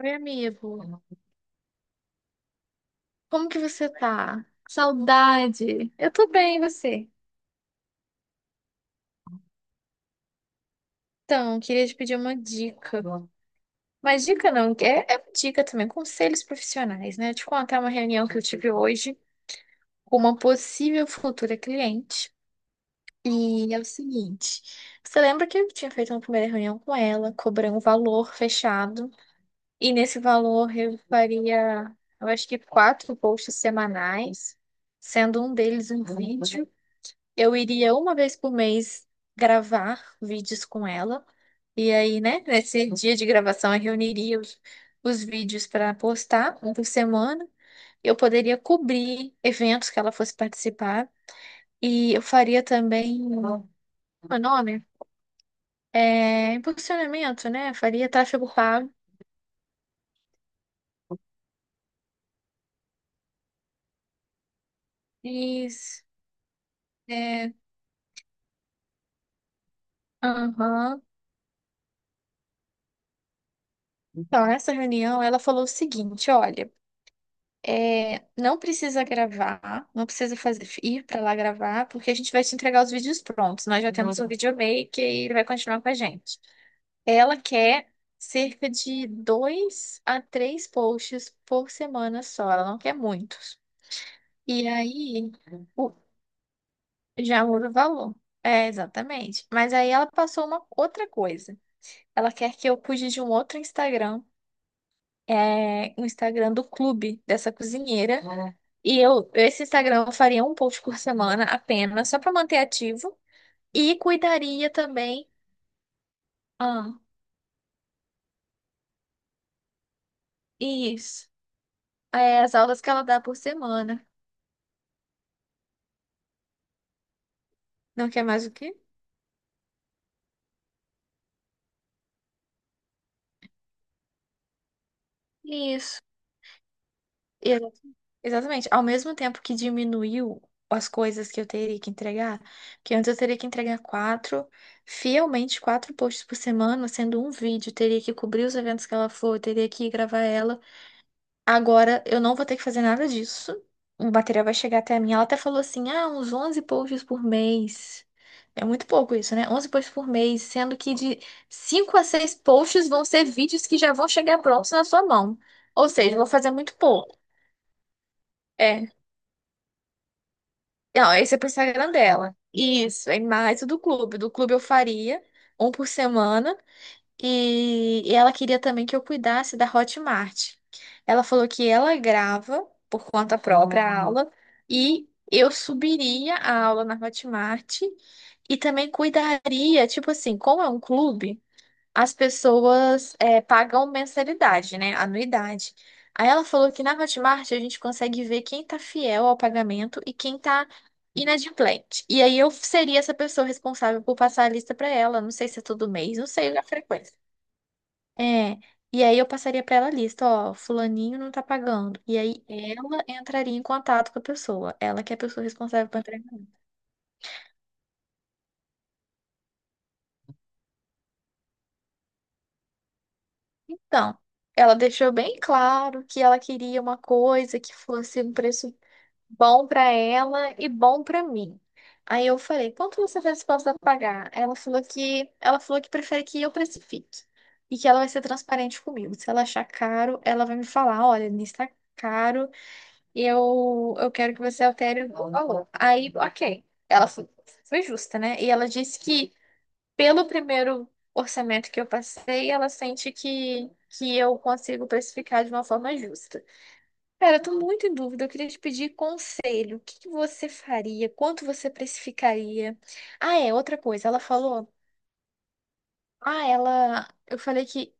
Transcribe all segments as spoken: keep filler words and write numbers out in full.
Oi, amigo. Como que você tá? Saudade. Eu tô bem, e você? Então, queria te pedir uma dica. Mas dica não, é, é uma dica também, conselhos profissionais, né? Te contar uma reunião que eu tive hoje com uma possível futura cliente. E é o seguinte, você lembra que eu tinha feito uma primeira reunião com ela, cobrei um valor fechado, e nesse valor eu faria, eu acho que quatro posts semanais, sendo um deles um vídeo. Eu iria uma vez por mês gravar vídeos com ela. E aí, né, nesse dia de gravação, eu reuniria os, os vídeos para postar um por semana. Eu poderia cobrir eventos que ela fosse participar. E eu faria também, como é o nome? É, impulsionamento, né? Faria tráfego pago. Isso. É, aham. Então, nessa reunião, ela falou o seguinte: olha. É, não precisa gravar, não precisa fazer, ir para lá gravar, porque a gente vai te entregar os vídeos prontos. Nós já temos o videomaker e ele vai continuar com a gente. Ela quer cerca de dois a três posts por semana só, ela não quer muitos. E aí o- já muda o valor. É, exatamente. Mas aí ela passou uma outra coisa. Ela quer que eu cuide de um outro Instagram, é, o Instagram do clube dessa cozinheira. Ah. E eu, esse Instagram eu faria um post por semana apenas, só para manter ativo. E cuidaria também. Ah, isso. É, as aulas que ela dá por semana. Não quer mais o quê? Isso. Exa- Exatamente. Ao mesmo tempo que diminuiu as coisas que eu teria que entregar, que antes eu teria que entregar quatro, fielmente quatro posts por semana, sendo um vídeo, teria que cobrir os eventos que ela for, teria que gravar ela. Agora eu não vou ter que fazer nada disso. O material vai chegar até mim. Ela até falou assim: ah, uns onze posts por mês. É muito pouco isso, né? Onze posts por mês, sendo que de cinco a seis posts vão ser vídeos que já vão chegar prontos na sua mão. Ou seja, eu vou fazer muito pouco. É. Não, esse é pro Instagram dela. Isso, é mais o do clube. Do clube eu faria um por semana. E, e ela queria também que eu cuidasse da Hotmart. Ela falou que ela grava por conta própria a aula e eu subiria a aula na Hotmart e também cuidaria, tipo assim, como é um clube, as pessoas é, pagam mensalidade, né? Anuidade. Aí ela falou que na Hotmart a gente consegue ver quem tá fiel ao pagamento e quem tá inadimplente. E aí eu seria essa pessoa responsável por passar a lista pra ela. Não sei se é todo mês, não sei a frequência. É, e aí eu passaria pra ela a lista, ó, fulaninho não tá pagando. E aí ela entraria em contato com a pessoa, ela que é a pessoa responsável por entregar. Então, ela deixou bem claro que ela queria uma coisa que fosse um preço bom pra ela e bom pra mim. Aí eu falei, quanto você tá disposta a pagar? Ela falou que ela falou que prefere que eu precifique e que ela vai ser transparente comigo. Se ela achar caro, ela vai me falar, olha, nisso tá caro, e eu, eu quero que você altere o valor. Aí, ok. Ela foi, foi justa, né? E ela disse que, pelo primeiro orçamento que eu passei, ela sente que, que eu consigo precificar de uma forma justa. Cara, eu tô muito em dúvida. Eu queria te pedir conselho. O que que você faria? Quanto você precificaria? Ah, é, outra coisa. Ela falou. Ah, ela. Eu falei que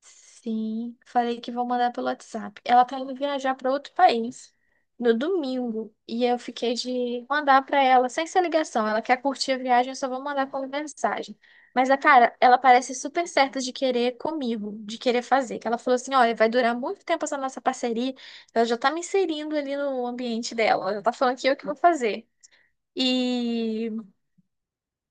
sim, falei que vou mandar pelo WhatsApp. Ela tá indo viajar para outro país no domingo e eu fiquei de mandar para ela sem ser ligação. Ela quer curtir a viagem, eu só vou mandar como mensagem. Mas a cara, ela parece super certa de querer comigo, de querer fazer. Que ela falou assim: olha, vai durar muito tempo essa nossa parceria. Ela já tá me inserindo ali no ambiente dela. Ela já tá falando que eu que vou fazer. E,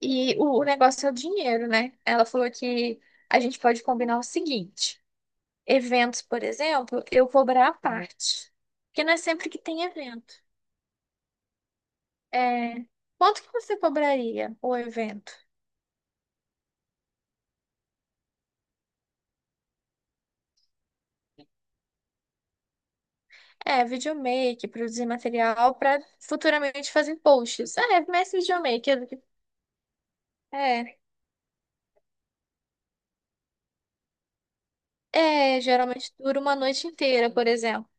e o o negócio é o dinheiro, né? Ela falou que a gente pode combinar o seguinte. Eventos, por exemplo, eu cobrar à parte. Porque não é sempre que tem evento. É. Quanto que você cobraria o evento? É, videomake, produzir material para futuramente fazer posts. Ah, é, mas videomake. É, é, geralmente dura uma noite inteira, por exemplo.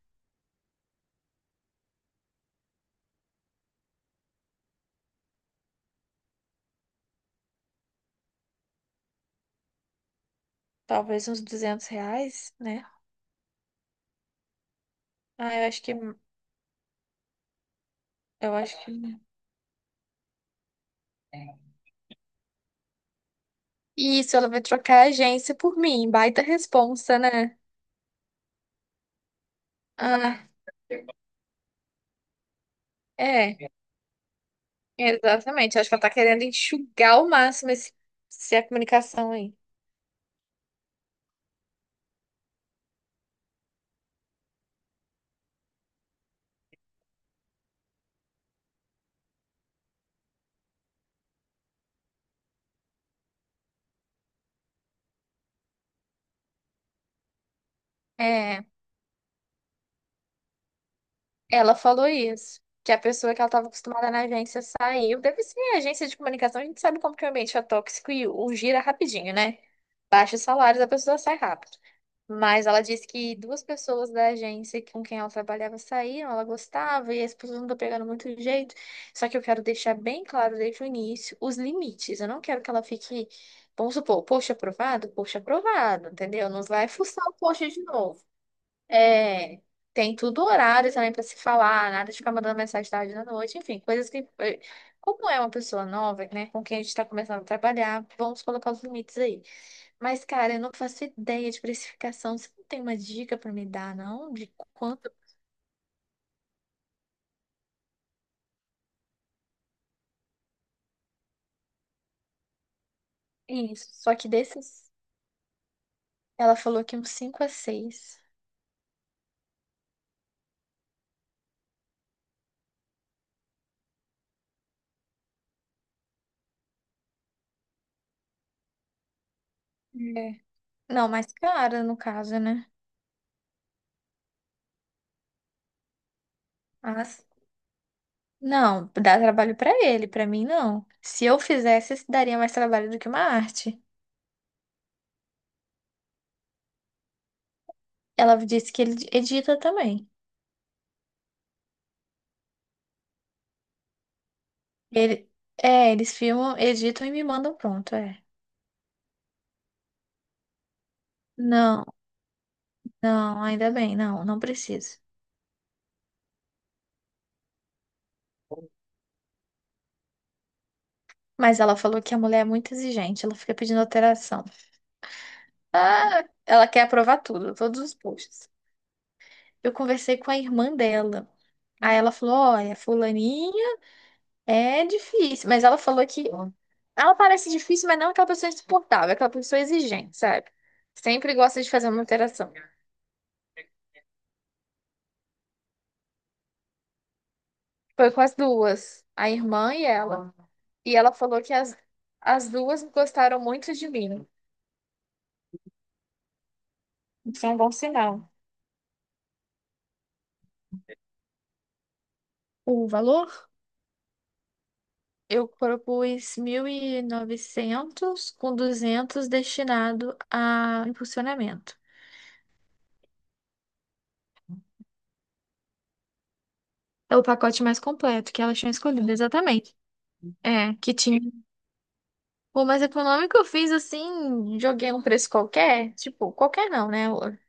Talvez uns duzentos reais, né? Ah, eu acho que, eu acho que... Isso, ela vai trocar a agência por mim. Baita responsa, né? Ah, é. Exatamente. Acho que ela tá querendo enxugar ao máximo esse, essa comunicação aí. É. Ela falou isso, que a pessoa que ela estava acostumada na agência saiu. Deve ser agência de comunicação, a gente sabe como que o ambiente é tóxico e o gira rapidinho, né? Baixa os salários, a pessoa sai rápido. Mas ela disse que duas pessoas da agência com quem ela trabalhava saíram, ela gostava, e as pessoas não estão pegando muito jeito. Só que eu quero deixar bem claro desde o início os limites. Eu não quero que ela fique, vamos supor, poxa aprovado, poxa aprovado, entendeu? Não vai fuçar o poxa de novo. É, tem tudo horário também pra se falar, nada de ficar mandando mensagem tarde da noite, enfim, coisas que, eh, como é uma pessoa nova, né, com quem a gente tá começando a trabalhar, vamos colocar os limites aí. Mas, cara, eu não faço ideia de precificação, você não tem uma dica pra me dar, não? De quanto? É, isso, só que desses, ela falou que uns cinco a seis. É. Não, mais cara, no caso, né? Mas, não, dá trabalho pra ele, pra mim não. Se eu fizesse, isso daria mais trabalho do que uma arte. Ela disse que ele edita também. Ele, é, Eles filmam, editam e me mandam pronto, é. Não, não, ainda bem, não, não preciso. Mas ela falou que a mulher é muito exigente, ela fica pedindo alteração. Ah, ela quer aprovar tudo, todos os posts. Eu conversei com a irmã dela. Aí ela falou: olha, fulaninha é difícil. Mas ela falou que ela parece difícil, mas não aquela pessoa insuportável, aquela pessoa exigente, sabe? Sempre gosta de fazer uma alteração. Foi com as duas, a irmã e ela. E ela falou que as, as duas gostaram muito de mim. Isso é um bom sinal. O valor? Eu propus mil e novecentos com duzentos destinado a impulsionamento. É o pacote mais completo que elas tinham escolhido, exatamente. É, que tinha O mais econômico eu fiz assim, joguei um preço qualquer, tipo, qualquer não, né?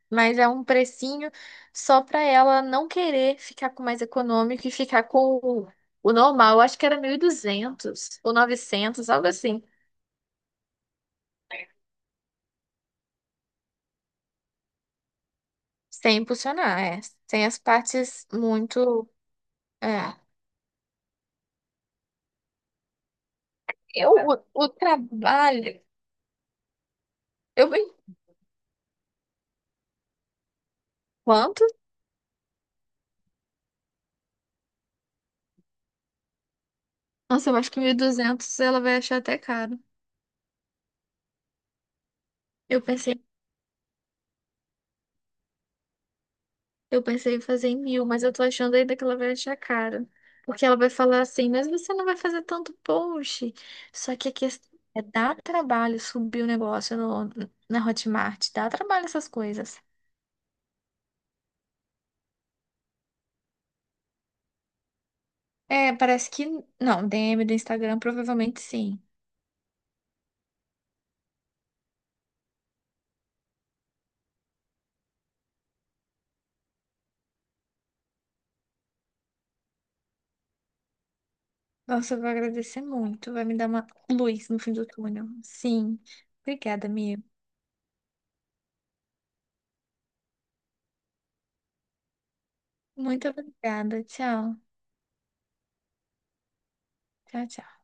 Mas é um precinho só pra ela não querer ficar com o mais econômico e ficar com o, o normal. Eu acho que era mil e duzentos ou novecentos algo assim. Sem impulsionar, é. Sem as partes muito. É. Eu, o, o trabalho. Eu, enquanto. Nossa, eu acho que mil e duzentos ela vai achar até caro. Eu pensei Eu pensei em fazer em mil, mas eu tô achando ainda que ela vai achar caro. Porque ela vai falar assim, mas você não vai fazer tanto post. Só que a questão é dá trabalho subir o negócio no, na Hotmart, dá trabalho essas coisas. É, parece que. Não, D M do Instagram, provavelmente sim. Nossa, eu vou agradecer muito. Vai me dar uma luz no fim do túnel. Sim. Obrigada, Mia. Muito obrigada. Tchau. Tchau, tchau.